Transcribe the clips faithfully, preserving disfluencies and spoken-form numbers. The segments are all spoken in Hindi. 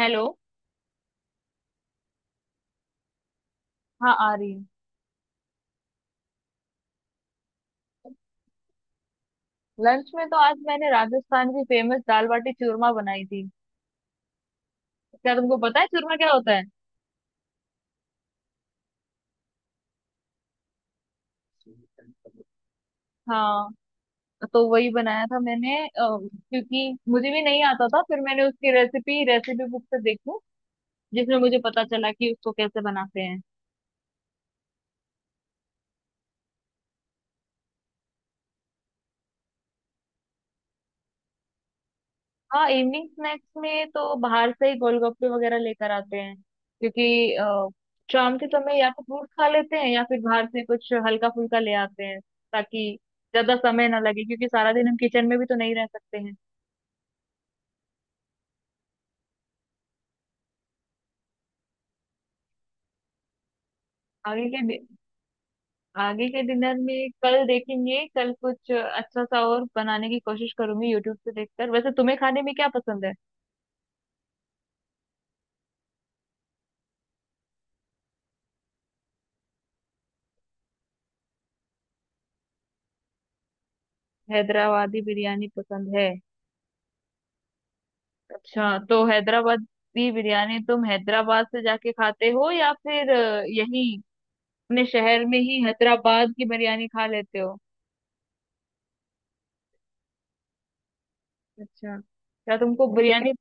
हेलो। हाँ आ रही है। लंच में तो आज मैंने राजस्थान की फेमस दाल बाटी चूरमा बनाई थी। क्या तुमको पता है चूरमा क्या होता है? हाँ, तो वही बनाया था मैंने, अ, क्योंकि मुझे भी नहीं आता था, फिर मैंने उसकी रेसिपी रेसिपी बुक से देखी, जिसमें मुझे पता चला कि उसको कैसे बनाते हैं। हाँ, इवनिंग स्नैक्स में तो बाहर से ही गोलगप्पे वगैरह लेकर आते हैं, क्योंकि अ, शाम के समय या तो फ्रूट खा लेते हैं या फिर बाहर से कुछ हल्का फुल्का ले आते हैं, ताकि ज्यादा समय ना लगे क्योंकि सारा दिन हम किचन में भी तो नहीं रह सकते हैं। आगे के डि- आगे के डिनर में कल देखेंगे, कल कुछ अच्छा सा और बनाने की कोशिश करूंगी यूट्यूब से देखकर। वैसे तुम्हें खाने में क्या पसंद है? हैदराबादी बिरयानी पसंद है? अच्छा, तो हैदराबादी बिरयानी तुम हैदराबाद से जाके खाते हो या फिर अ, यही अपने शहर में ही हैदराबाद की बिरयानी खा लेते हो? अच्छा, क्या तुमको बिरयानी,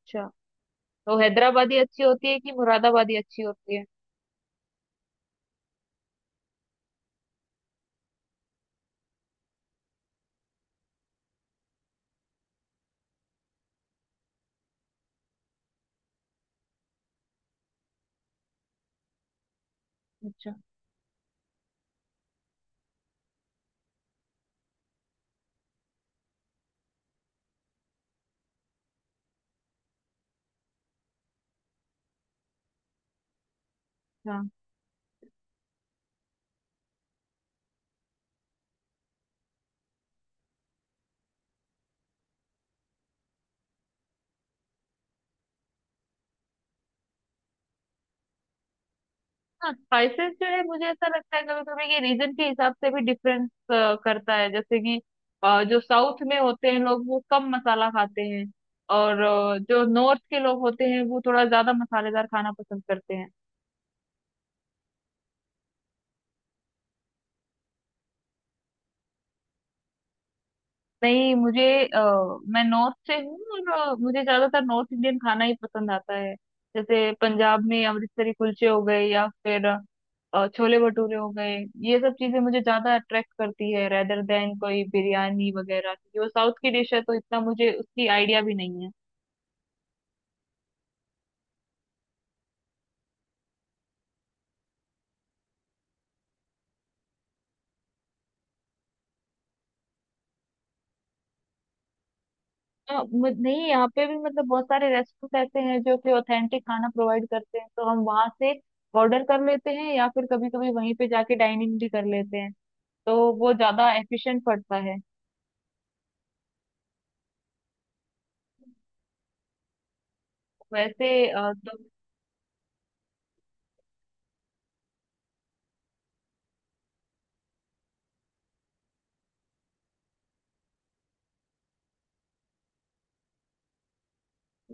अच्छा तो हैदराबादी अच्छी होती है कि मुरादाबादी अच्छी होती है? अच्छा। अच्छा। हाँ, स्पाइसेस जो है मुझे ऐसा लगता है कभी कभी ये रीजन के हिसाब से भी डिफरेंस करता है। जैसे कि अ, जो साउथ में होते हैं लोग वो कम मसाला खाते हैं, और अ, जो नॉर्थ के लोग होते हैं वो थोड़ा ज्यादा मसालेदार खाना पसंद करते हैं। नहीं मुझे अ, मैं नॉर्थ से हूँ और अ, मुझे ज्यादातर नॉर्थ इंडियन खाना ही पसंद आता है। जैसे पंजाब में अमृतसरी कुलचे हो गए या फिर अ, छोले भटूरे हो गए। ये सब चीजें मुझे ज्यादा अट्रैक्ट करती है रेदर देन कोई बिरयानी वगैरह, क्योंकि वो साउथ की डिश है तो इतना मुझे उसकी आइडिया भी नहीं है। अ, मु- नहीं, यहाँ पे भी मतलब बहुत सारे रेस्टोरेंट ऐसे हैं जो कि ऑथेंटिक खाना प्रोवाइड करते हैं तो हम वहां से ऑर्डर कर लेते हैं, या फिर कभी कभी वहीं पे जाके डाइनिंग भी कर लेते हैं। तो वो ज्यादा एफिशिएंट पड़ता है। वैसे अ, तो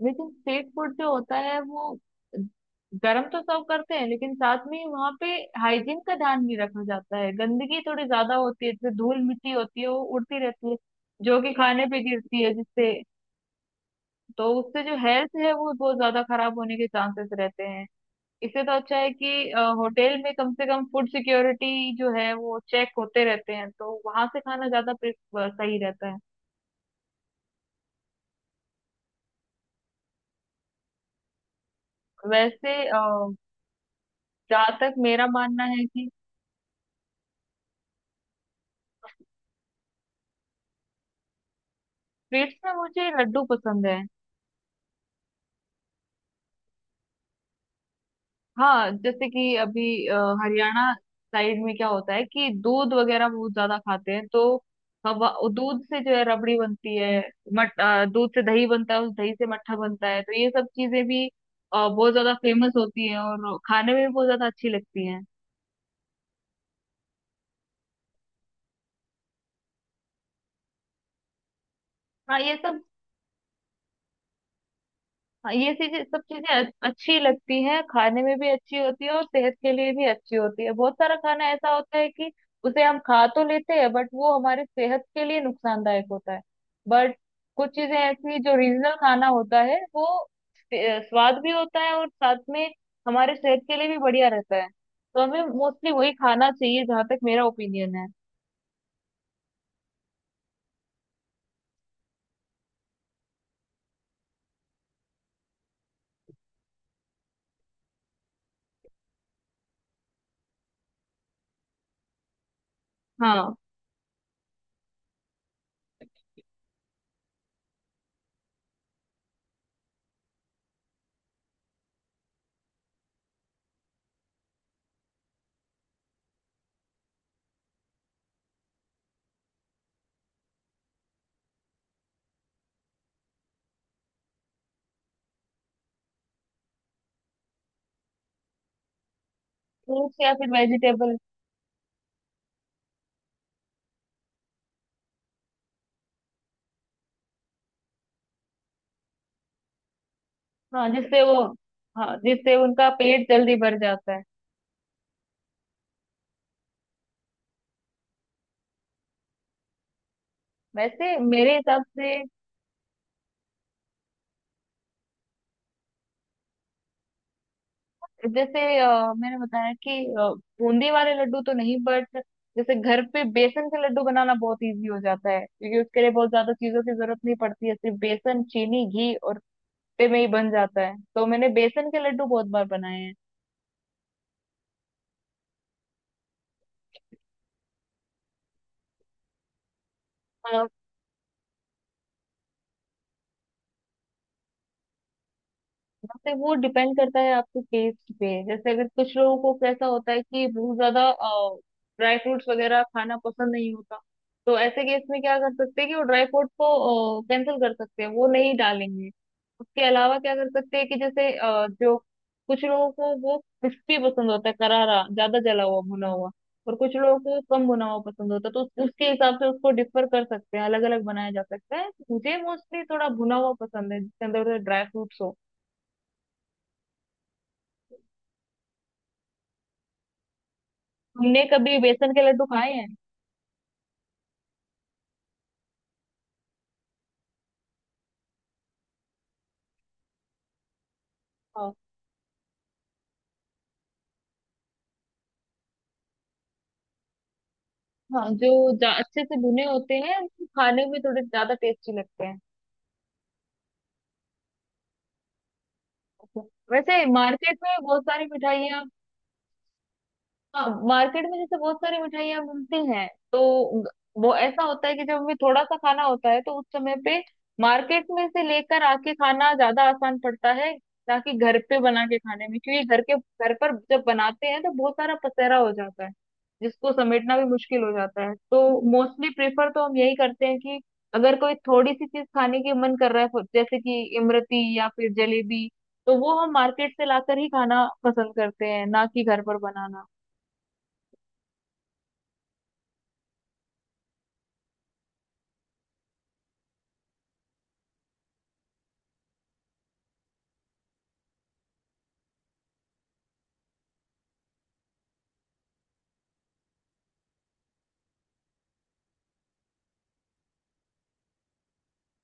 लेकिन स्ट्रीट फूड जो होता है वो गरम तो सर्व करते हैं, लेकिन साथ में वहाँ पे हाइजीन का ध्यान नहीं रखा जाता है, गंदगी थोड़ी ज्यादा होती है, जैसे धूल मिट्टी होती है वो उड़ती रहती है जो कि खाने पे गिरती है, जिससे तो उससे जो हेल्थ है वो बहुत ज्यादा खराब होने के चांसेस रहते हैं। इससे तो अच्छा है कि होटल में कम से कम फूड सिक्योरिटी जो है वो चेक होते रहते हैं, तो वहां से खाना ज्यादा प्रे- अ, सही रहता है। वैसे जहाँ तक मेरा मानना है कि स्वीट्स में मुझे लड्डू पसंद है। हाँ, जैसे कि अभी अ, हरियाणा साइड में क्या होता है कि दूध वगैरह बहुत ज्यादा खाते हैं, तो हवा दूध से जो है रबड़ी बनती है। मट अ, दूध से दही बनता है, उस दही से मट्ठा बनता है, तो ये सब चीजें भी अ, बहुत ज्यादा फेमस होती है और खाने में भी बहुत ज्यादा अच्छी लगती हैं। हाँ ये सब, हाँ, ये चीजें सब चीजें अ- अच्छी लगती हैं, खाने में भी अच्छी होती है और सेहत के लिए भी अच्छी होती है। बहुत सारा खाना ऐसा होता है कि उसे हम खा तो लेते हैं बट वो हमारे सेहत के लिए नुकसानदायक होता है। बट कुछ चीजें ऐसी जो रीजनल खाना होता है वो अ, स्वाद भी होता है और साथ में हमारे सेहत के लिए भी बढ़िया रहता है, तो हमें मोस्टली वही खाना चाहिए जहां तक मेरा ओपिनियन है। हाँ। फ्रूट्स या फिर वेजिटेबल। हाँ जिससे वो, हाँ जिससे उनका पेट जल्दी भर जाता है। वैसे मेरे हिसाब से, जैसे अ, मैंने बताया कि अ, बूंदी वाले लड्डू तो नहीं, बट जैसे घर पे बेसन के लड्डू बनाना बहुत इजी हो जाता है, क्योंकि उसके लिए बहुत ज्यादा चीजों की जरूरत नहीं पड़ती है, सिर्फ बेसन चीनी घी और पे में ही बन जाता है, तो मैंने बेसन के लड्डू बहुत बार बनाए हैं। यहाँ पे वो डिपेंड करता है आपके टेस्ट पे, जैसे अगर कुछ लोगों को कैसा होता है कि बहुत ज्यादा ड्राई फ्रूट्स वगैरह खाना पसंद नहीं होता, तो ऐसे केस में क्या कर सकते हैं कि वो ड्राई फ्रूट को कैंसिल कर सकते हैं, वो नहीं डालेंगे। उसके अलावा क्या कर सकते हैं कि जैसे अ, जो कुछ लोगों को वो क्रिस्पी पसंद होता है, करारा, ज्यादा जला हुआ भुना हुआ, और कुछ लोगों को कम भुना हुआ पसंद होता है, तो उस- उसके हिसाब से उसको डिफर कर सकते हैं, अलग अलग बनाया जा सकता है। मुझे मोस्टली थोड़ा भुना हुआ पसंद है जिसके अंदर ड्राई फ्रूट्स हो। हमने कभी बेसन के लड्डू खाए हैं। हाँ। हाँ, जो जा- अच्छे से भुने होते हैं वो खाने में थोड़े ज्यादा टेस्टी लगते हैं। अच्छा। वैसे मार्केट में बहुत सारी मिठाइयाँ, हाँ मार्केट में जैसे बहुत सारी मिठाइयाँ मिलती हैं तो ग- वो ऐसा होता है कि जब हमें थोड़ा सा खाना होता है तो उस समय पे मार्केट में से लेकर आके खाना ज्यादा आसान पड़ता है, ना कि घर पे बना के खाने में, क्योंकि घर के घर पर जब बनाते हैं तो बहुत सारा पसेरा हो जाता है, जिसको समेटना भी मुश्किल हो जाता है। तो मोस्टली प्रेफर तो हम यही करते हैं कि अगर कोई थोड़ी सी चीज खाने की मन कर रहा है जैसे कि इमरती या फिर जलेबी, तो वो हम मार्केट से लाकर ही खाना पसंद करते हैं ना कि घर पर बनाना।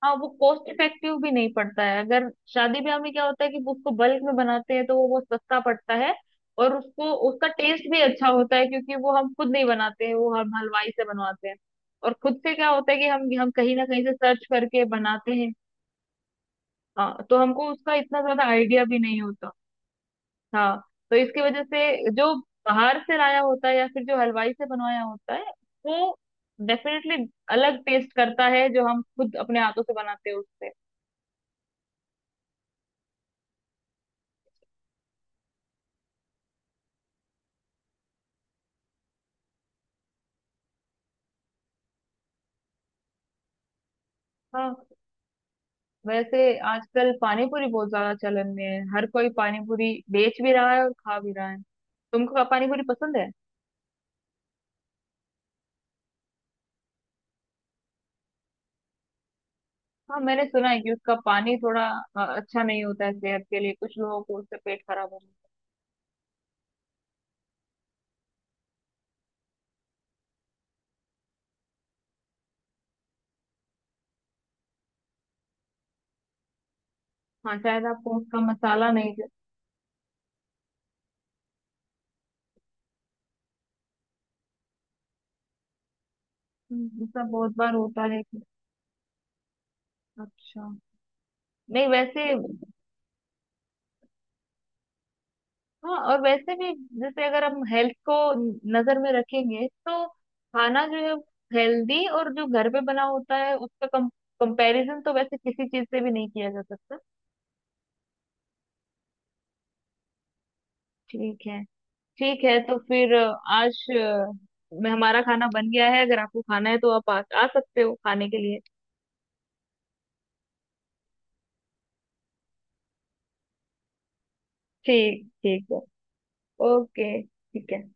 हाँ, वो कॉस्ट इफेक्टिव भी नहीं पड़ता है। अगर शादी ब्याह में क्या होता है कि उसको बल्क में बनाते हैं, तो वो बहुत सस्ता पड़ता है और उसको उसका टेस्ट भी अच्छा होता है, क्योंकि वो हम खुद नहीं बनाते हैं, वो हम हलवाई से बनवाते हैं। और खुद से क्या होता है कि हम हम कहीं ना कहीं से सर्च करके बनाते हैं। हाँ, तो हमको उसका इतना ज्यादा आइडिया भी नहीं होता। हाँ, तो इसकी वजह से जो बाहर से लाया होता है या फिर जो हलवाई से बनवाया होता है, वो डेफिनेटली अलग टेस्ट करता है जो हम खुद अपने हाथों से बनाते हैं उससे। हाँ। वैसे आजकल पानी पूरी बहुत ज्यादा चलन में है, हर कोई पानी पूरी बेच भी रहा है और खा भी रहा है। तुमको पानी पूरी पसंद है? हाँ, मैंने सुना है कि उसका पानी थोड़ा अ, अच्छा नहीं होता है सेहत के लिए, कुछ लोगों को उससे पेट खराब हो जाता है। हाँ शायद आपको उसका मसाला नहीं, जैसा बहुत बार होता है कि- अच्छा। नहीं वैसे, हाँ और वैसे भी, जैसे अगर हम हेल्थ को नजर में रखेंगे तो खाना जो है हेल्दी और जो घर पे बना होता है उसका कम कंपैरिजन तो वैसे किसी चीज से भी नहीं किया जा सकता। ठीक है। ठीक है तो फिर अ, आज अ, मैं, हमारा खाना बन गया है, अगर आपको खाना है तो आप आ, आ सकते हो खाने के लिए। ठीक, ठीक है। ओके, ठीक है।